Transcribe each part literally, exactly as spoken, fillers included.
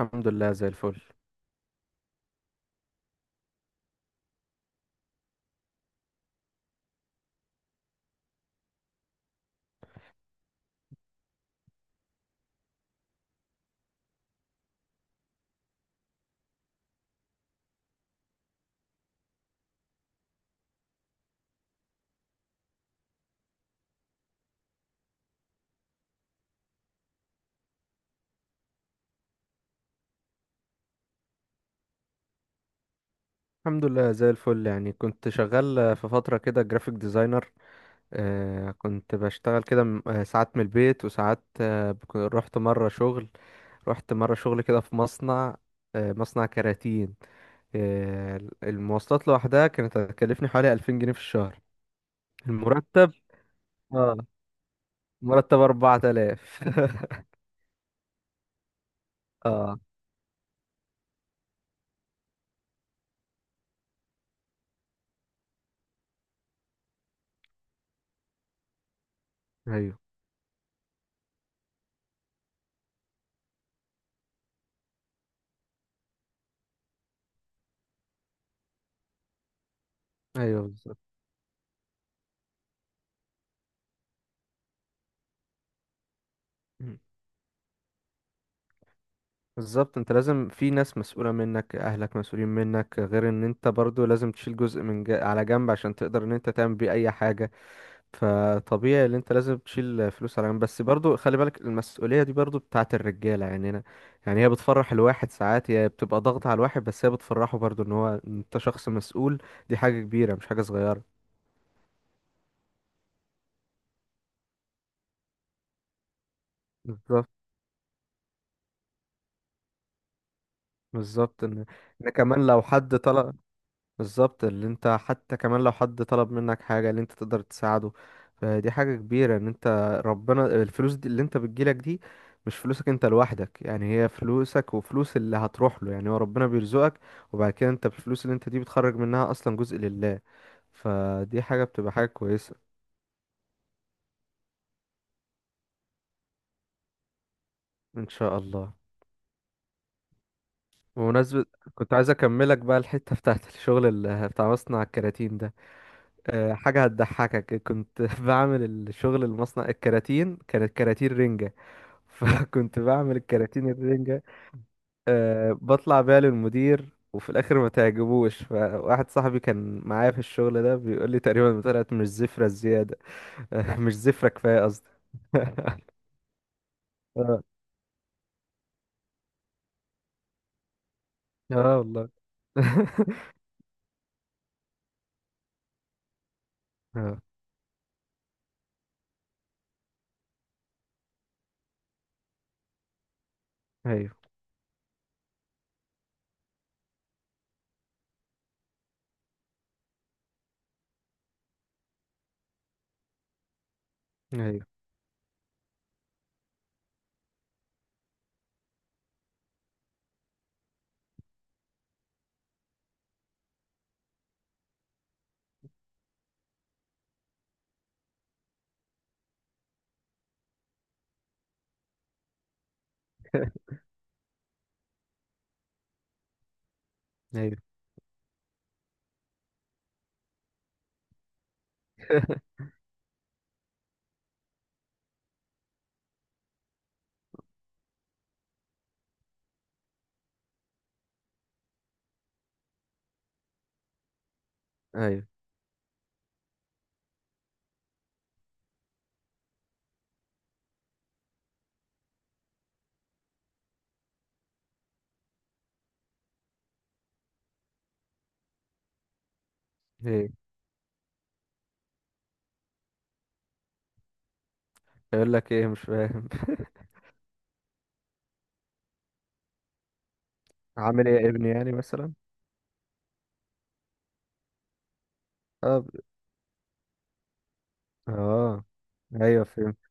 الحمد لله زي الفل. الحمد لله زي الفل، يعني كنت شغال في فترة كده جرافيك ديزاينر. آه كنت بشتغل كده، م- آه، ساعات من البيت وساعات آه بك- رحت مرة شغل رحت مرة شغل كده في مصنع. آه مصنع كراتين. آه المواصلات لوحدها كانت هتكلفني حوالي ألفين جنيه في الشهر. المرتب. اه، مرتب أربعة آلاف. اه، ايوه. ايوه بالظبط. بالظبط انت لازم، في ناس مسؤولة منك، اهلك مسؤولين منك، غير ان انت برضو لازم تشيل جزء من جا... على جنب عشان تقدر ان انت تعمل بيه اي حاجة. فطبيعي ان انت لازم تشيل فلوس على جنب، بس برضو خلي بالك المسؤولية دي برضو بتاعت الرجالة، يعني انا، يعني هي بتفرح الواحد ساعات، هي بتبقى ضغط على الواحد بس هي بتفرحه برضو، ان هو انت شخص مسؤول. دي حاجة كبيرة مش حاجة صغيرة. بالظبط. بالظبط ان ان كمان لو حد طلع، بالظبط اللي انت، حتى كمان لو حد طلب منك حاجة اللي انت تقدر تساعده، فدي حاجة كبيرة ان انت، ربنا الفلوس دي اللي انت بتجيلك دي مش فلوسك انت لوحدك، يعني هي فلوسك وفلوس اللي هتروح له، يعني هو ربنا بيرزقك. وبعد كده انت بالفلوس اللي انت دي بتخرج منها اصلا جزء لله، فدي حاجة بتبقى حاجة كويسة. ان شاء الله. بمناسبة، كنت عايز اكملك بقى الحتة بتاعت الشغل اللي بتاع مصنع الكراتين ده. أه، حاجة هتضحكك، كنت بعمل الشغل المصنع الكراتين، كانت كراتين رنجة. فكنت بعمل الكراتين الرنجة. أه، بطلع بيها للمدير وفي الآخر ما تعجبوش. فواحد صاحبي كان معايا في الشغل ده بيقول لي تقريبا طلعت مش زفرة زيادة. أه، مش زفرة كفاية قصدي. اه. اه والله. اه، ايوه. ايوه. ايوه. ايوه. ايوه. يقول لك ايه؟ مش فاهم. عامل ايه يا ابني، يعني مثلا. اه ب- اه. ايوه، فهمت.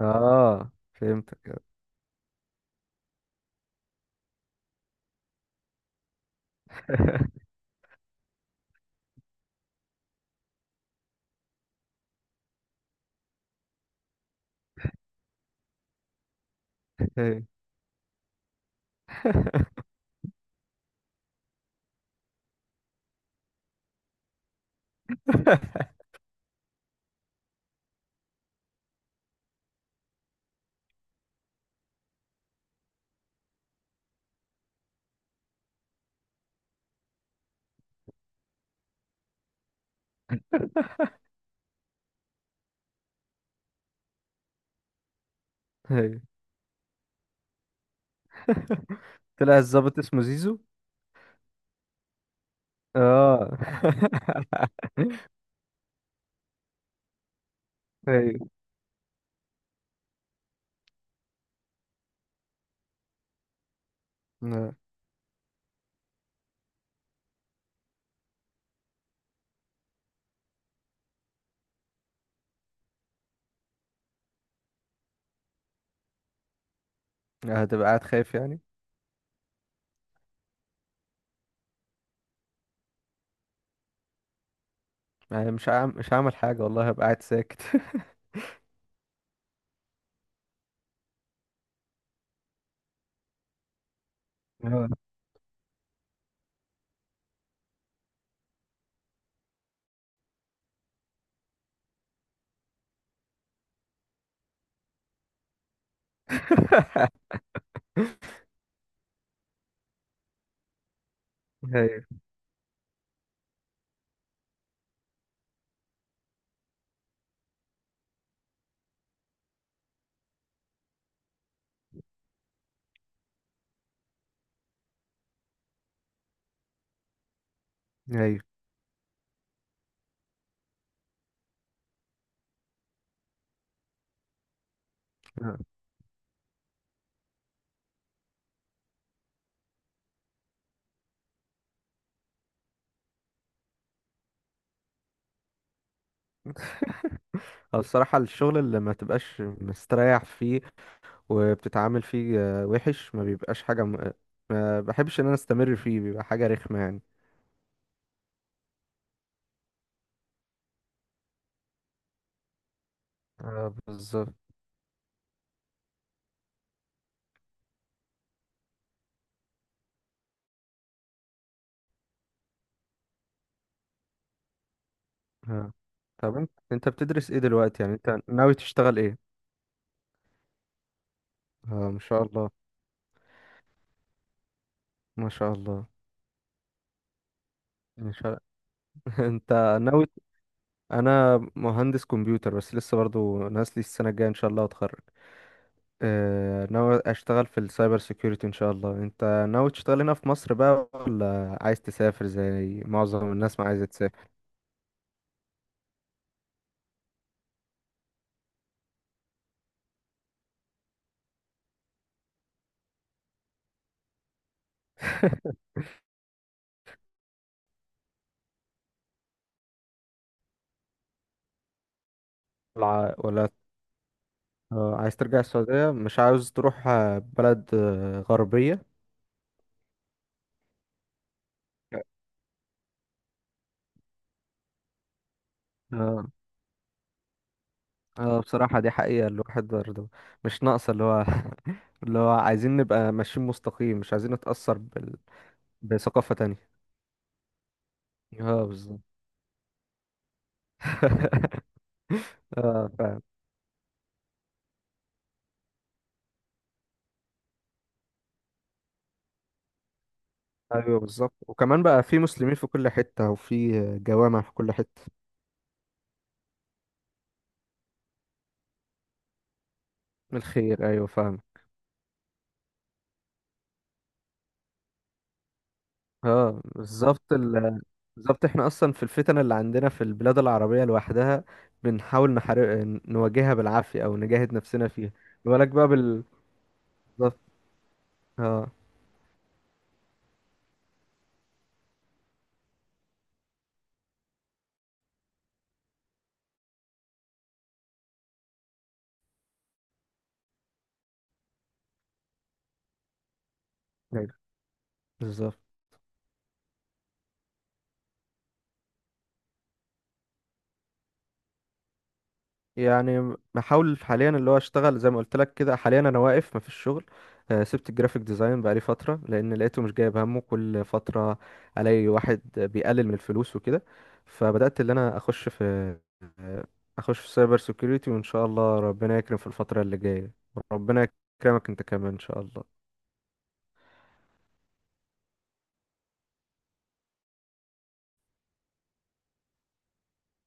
اه، فهمتك. ايوه. ايوه. طلع الظابط اسمه زيزو. اه. ايوه. آه. هتبقى قاعد خايف يعني. يعني مش هعمل، مش هعمل حاجة والله، هبقى قاعد ساكت. اه. ايوه. ايوه. آه. هو الصراحة الشغل اللي ما تبقاش مستريح فيه وبتتعامل فيه آه، وحش، ما بيبقاش حاجة م... ما بحبش ان انا استمر فيه، بيبقى حاجة رخمة يعني. اه بالظبط. اه. طب انت، انت بتدرس ايه دلوقتي؟ يعني انت ناوي تشتغل ايه؟ اه، ما شاء الله. ما شاء الله. ما شاء. انت ناوي. انا مهندس كمبيوتر بس لسه برضو ناقص لي السنه الجايه ان شاء الله واتخرج. اه، ناوي اشتغل في السايبر سيكيورتي ان شاء الله. انت ناوي تشتغل هنا في مصر بقى ولا عايز تسافر زي معظم الناس ما عايزه تسافر؟ ولا ع- ولا، اه، عايز ترجع السعوديه؟ مش عاوز تروح اه، بلد اه، غربيه؟ اه. اه، بصراحة دي حقيقة الواحد برضه مش ناقصة، اللي هو اللي هو عايزين نبقى ماشيين مستقيم، مش عايزين نتأثر بال... بثقافة تانية. اه بالظبط. اه فاهم. ايوه بالظبط، وكمان بقى في مسلمين في كل حتة، وفي جوامع في كل حتة. من الخير، ايوه فاهم. اه بالظبط ال... بالظبط احنا اصلا في الفتن اللي عندنا في البلاد العربية لوحدها، بنحاول نحارب، نواجهها بالعافية، او نجاهد نفسنا فيها. ما بالك بقى بال بالظبط. اه. أيوة. بالظبط. يعني بحاول حاليا اللي هو اشتغل زي ما قلت لك كده. حاليا انا واقف مفيش شغل. آه، سبت الجرافيك ديزاين بقالي فترة لان لقيته مش جايب همه. كل فترة الاقي واحد بيقلل من الفلوس وكده. فبدأت اللي انا اخش في آه، اخش في سايبر سيكيورتي، وان شاء الله ربنا يكرم في الفترة اللي جاية. ربنا يكرمك انت كمان ان شاء الله.